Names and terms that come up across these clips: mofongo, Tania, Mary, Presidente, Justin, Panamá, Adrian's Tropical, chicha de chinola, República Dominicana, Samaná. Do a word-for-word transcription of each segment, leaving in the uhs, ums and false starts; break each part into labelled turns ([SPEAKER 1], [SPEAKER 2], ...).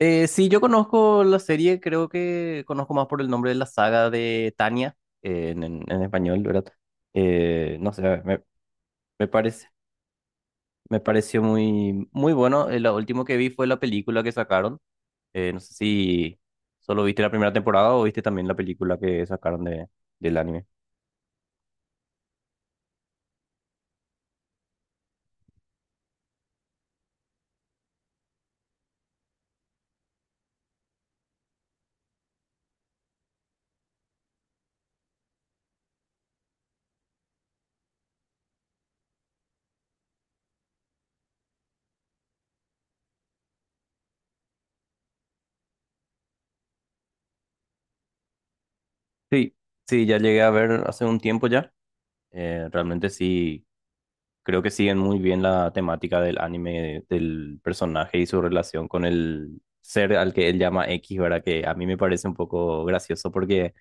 [SPEAKER 1] Eh, sí, yo conozco la serie, creo que conozco más por el nombre de la saga de Tania, eh, en, en- en español, ¿verdad? Eh, no sé, me, me parece, me pareció muy, muy bueno. Eh, lo último que vi fue la película que sacaron. Eh, no sé si solo viste la primera temporada o viste también la película que sacaron de, del anime. Sí, sí, ya llegué a ver hace un tiempo ya. Eh, realmente sí. Creo que siguen muy bien la temática del anime, del personaje y su relación con el ser al que él llama X, ¿verdad? Que a mí me parece un poco gracioso porque,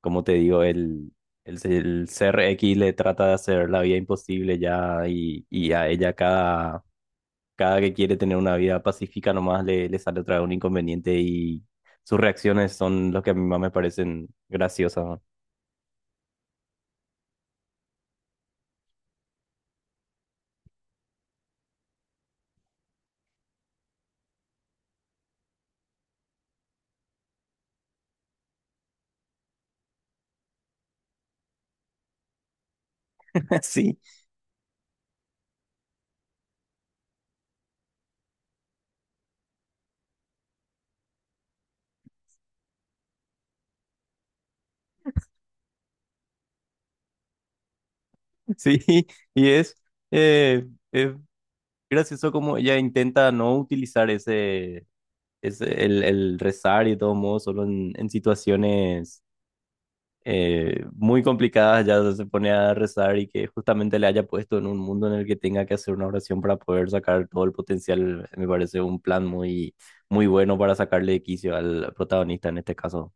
[SPEAKER 1] como te digo, el, el, el ser X le trata de hacer la vida imposible ya y, y a ella cada, cada que quiere tener una vida pacífica nomás le, le sale otra vez un inconveniente y sus reacciones son los que a mí más me parecen graciosas. ¿no? Sí, sí, y es... Eh, es gracioso como ella intenta no utilizar ese, ese el, el rezar y de todos modos, solo en, en situaciones eh, muy complicadas ya se pone a rezar y que justamente le haya puesto en un mundo en el que tenga que hacer una oración para poder sacar todo el potencial, me parece un plan muy, muy bueno para sacarle de quicio al protagonista en este caso.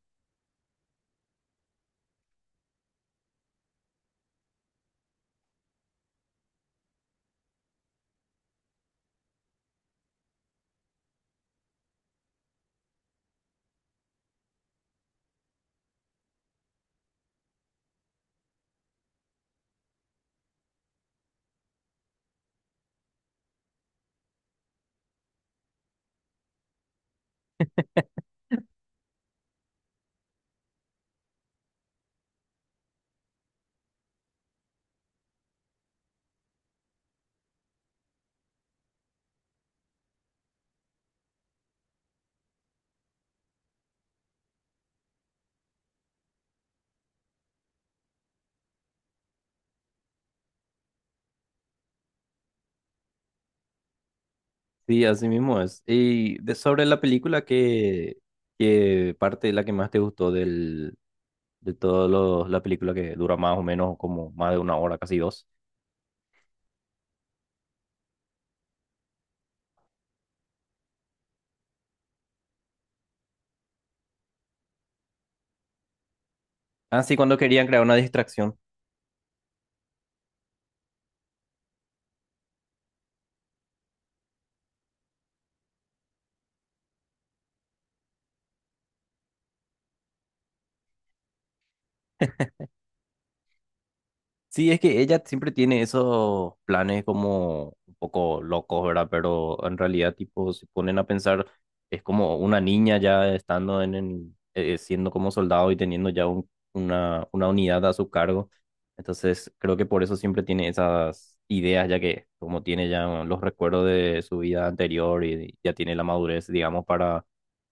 [SPEAKER 1] Sí, así mismo es. Y de, sobre la película, ¿qué, qué parte es la que más te gustó del, de toda la película que dura más o menos como más de una hora, casi dos? Así cuando querían crear una distracción. Sí, es que ella siempre tiene esos planes como un poco locos, ¿verdad? Pero en realidad, tipo, se ponen a pensar, es como una niña ya estando en, en, eh, siendo como soldado y teniendo ya un- una, una unidad a su cargo. Entonces, creo que por eso siempre tiene esas ideas, ya que como tiene ya los recuerdos de su vida anterior y ya tiene la madurez, digamos, para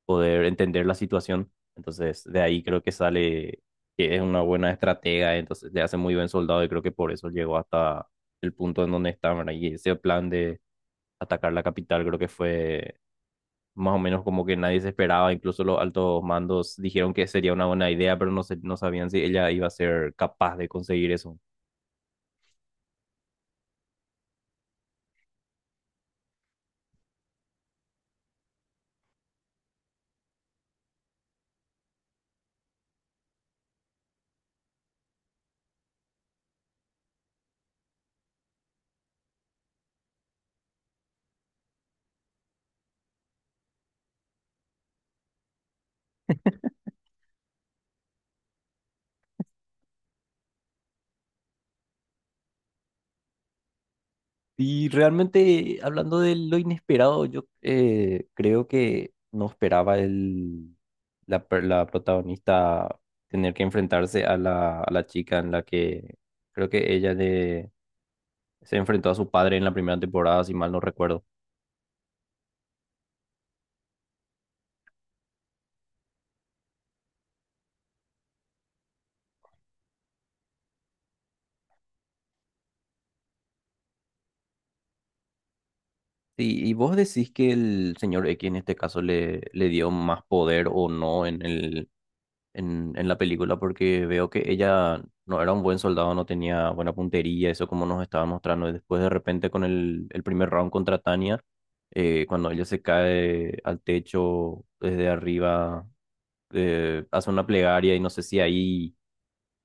[SPEAKER 1] poder entender la situación. Entonces, de ahí creo que sale que es una buena estratega, entonces le hace muy buen soldado y creo que por eso llegó hasta el punto en donde está, ¿verdad? Y ese plan de atacar la capital creo que fue más o menos como que nadie se esperaba, incluso los altos mandos dijeron que sería una buena idea, pero no, se- no sabían si ella iba a ser capaz de conseguir eso. Y realmente, hablando de lo inesperado, yo eh, creo que no esperaba el, la, per- la protagonista tener que enfrentarse a la, a la, chica en la que creo que ella le, se enfrentó a su padre en la primera temporada, si mal no recuerdo. Y, y vos decís que el señor X en este caso le, le dio más poder o no en el, en, en la película porque veo que ella no era un buen soldado, no tenía buena puntería, eso como nos estaba mostrando. Y después de repente con el, el primer round contra Tania, eh, cuando ella se cae al techo desde arriba, eh, hace una plegaria y no sé si ahí,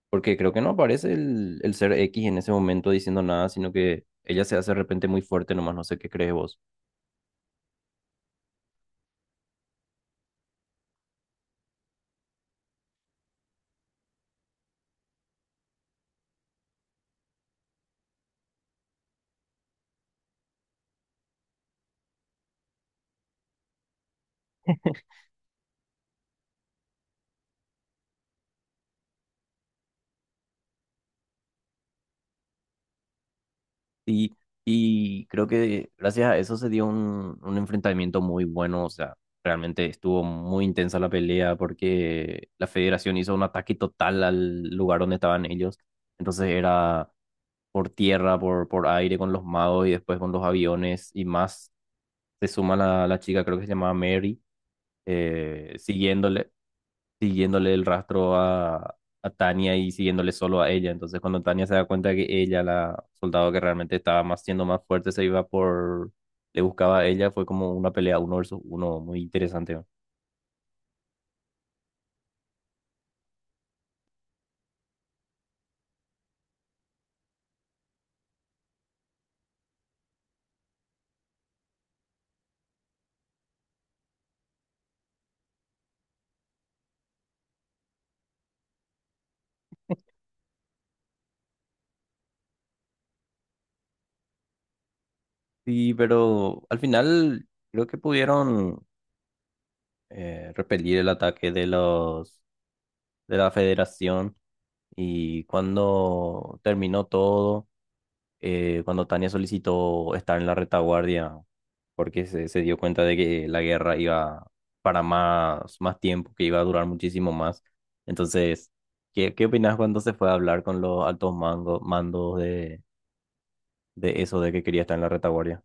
[SPEAKER 1] porque creo que no aparece el, el ser X en ese momento diciendo nada, sino que ella se hace de repente muy fuerte nomás, no sé qué crees vos. Y, y creo que gracias a eso se dio un, un enfrentamiento muy bueno, o sea, realmente estuvo muy intensa la pelea porque la federación hizo un ataque total al lugar donde estaban ellos, entonces era por tierra, por, por aire con los magos y después con los aviones y más, se suma la, la chica, creo que se llamaba Mary, eh, siguiéndole siguiéndole el rastro a, a Tania y siguiéndole solo a ella. Entonces, cuando Tania se da cuenta que ella, la soldado que realmente estaba más siendo más fuerte, se iba por, le buscaba a ella, fue como una pelea uno versus uno, muy interesante. ¿no? Sí, pero al final creo que pudieron eh, repelir el ataque de los de la Federación y cuando terminó todo. Eh, cuando Tania solicitó estar en la retaguardia porque se, se dio cuenta de que la guerra iba para más, más tiempo, que iba a durar muchísimo más. Entonces, ¿qué, qué opinas cuando se fue a hablar con los altos mangos, mandos de, de eso, de que quería estar en la retaguardia?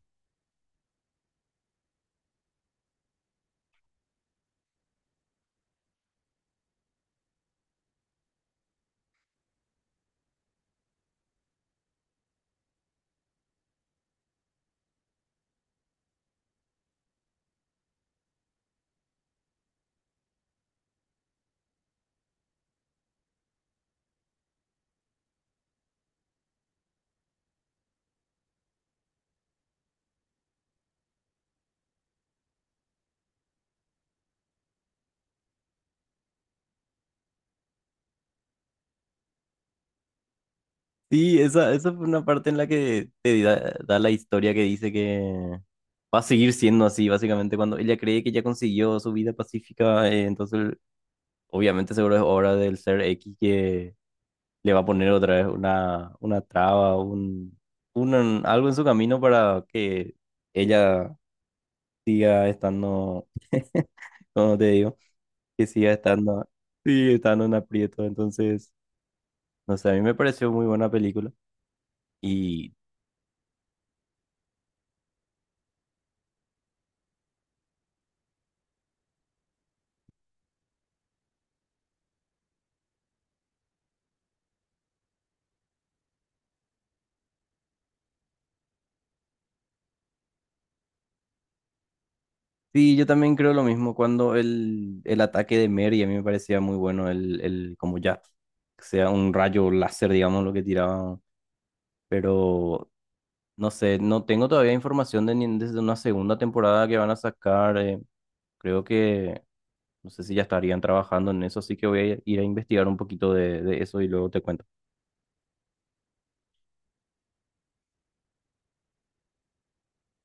[SPEAKER 1] Sí, esa, esa fue una parte en la que te da, da la historia que dice que va a seguir siendo así, básicamente, cuando ella cree que ya consiguió su vida pacífica, eh, entonces obviamente seguro es obra del ser X que le va a poner otra vez una, una traba, un, un- algo en su camino para que ella siga estando, como te digo, que siga estando, sí, estando en aprieto. Entonces, no sé, a mí me pareció muy buena película. Y sí, yo también creo lo mismo cuando el, el ataque de Mary, a mí me parecía muy bueno el, el como ya sea un rayo láser, digamos, lo que tiraba. Pero No sé, no tengo todavía información de, ni- desde una segunda temporada que van a sacar. eh, creo que, no sé si ya estarían trabajando en eso, así que voy a ir a investigar un poquito de, de eso y luego te cuento.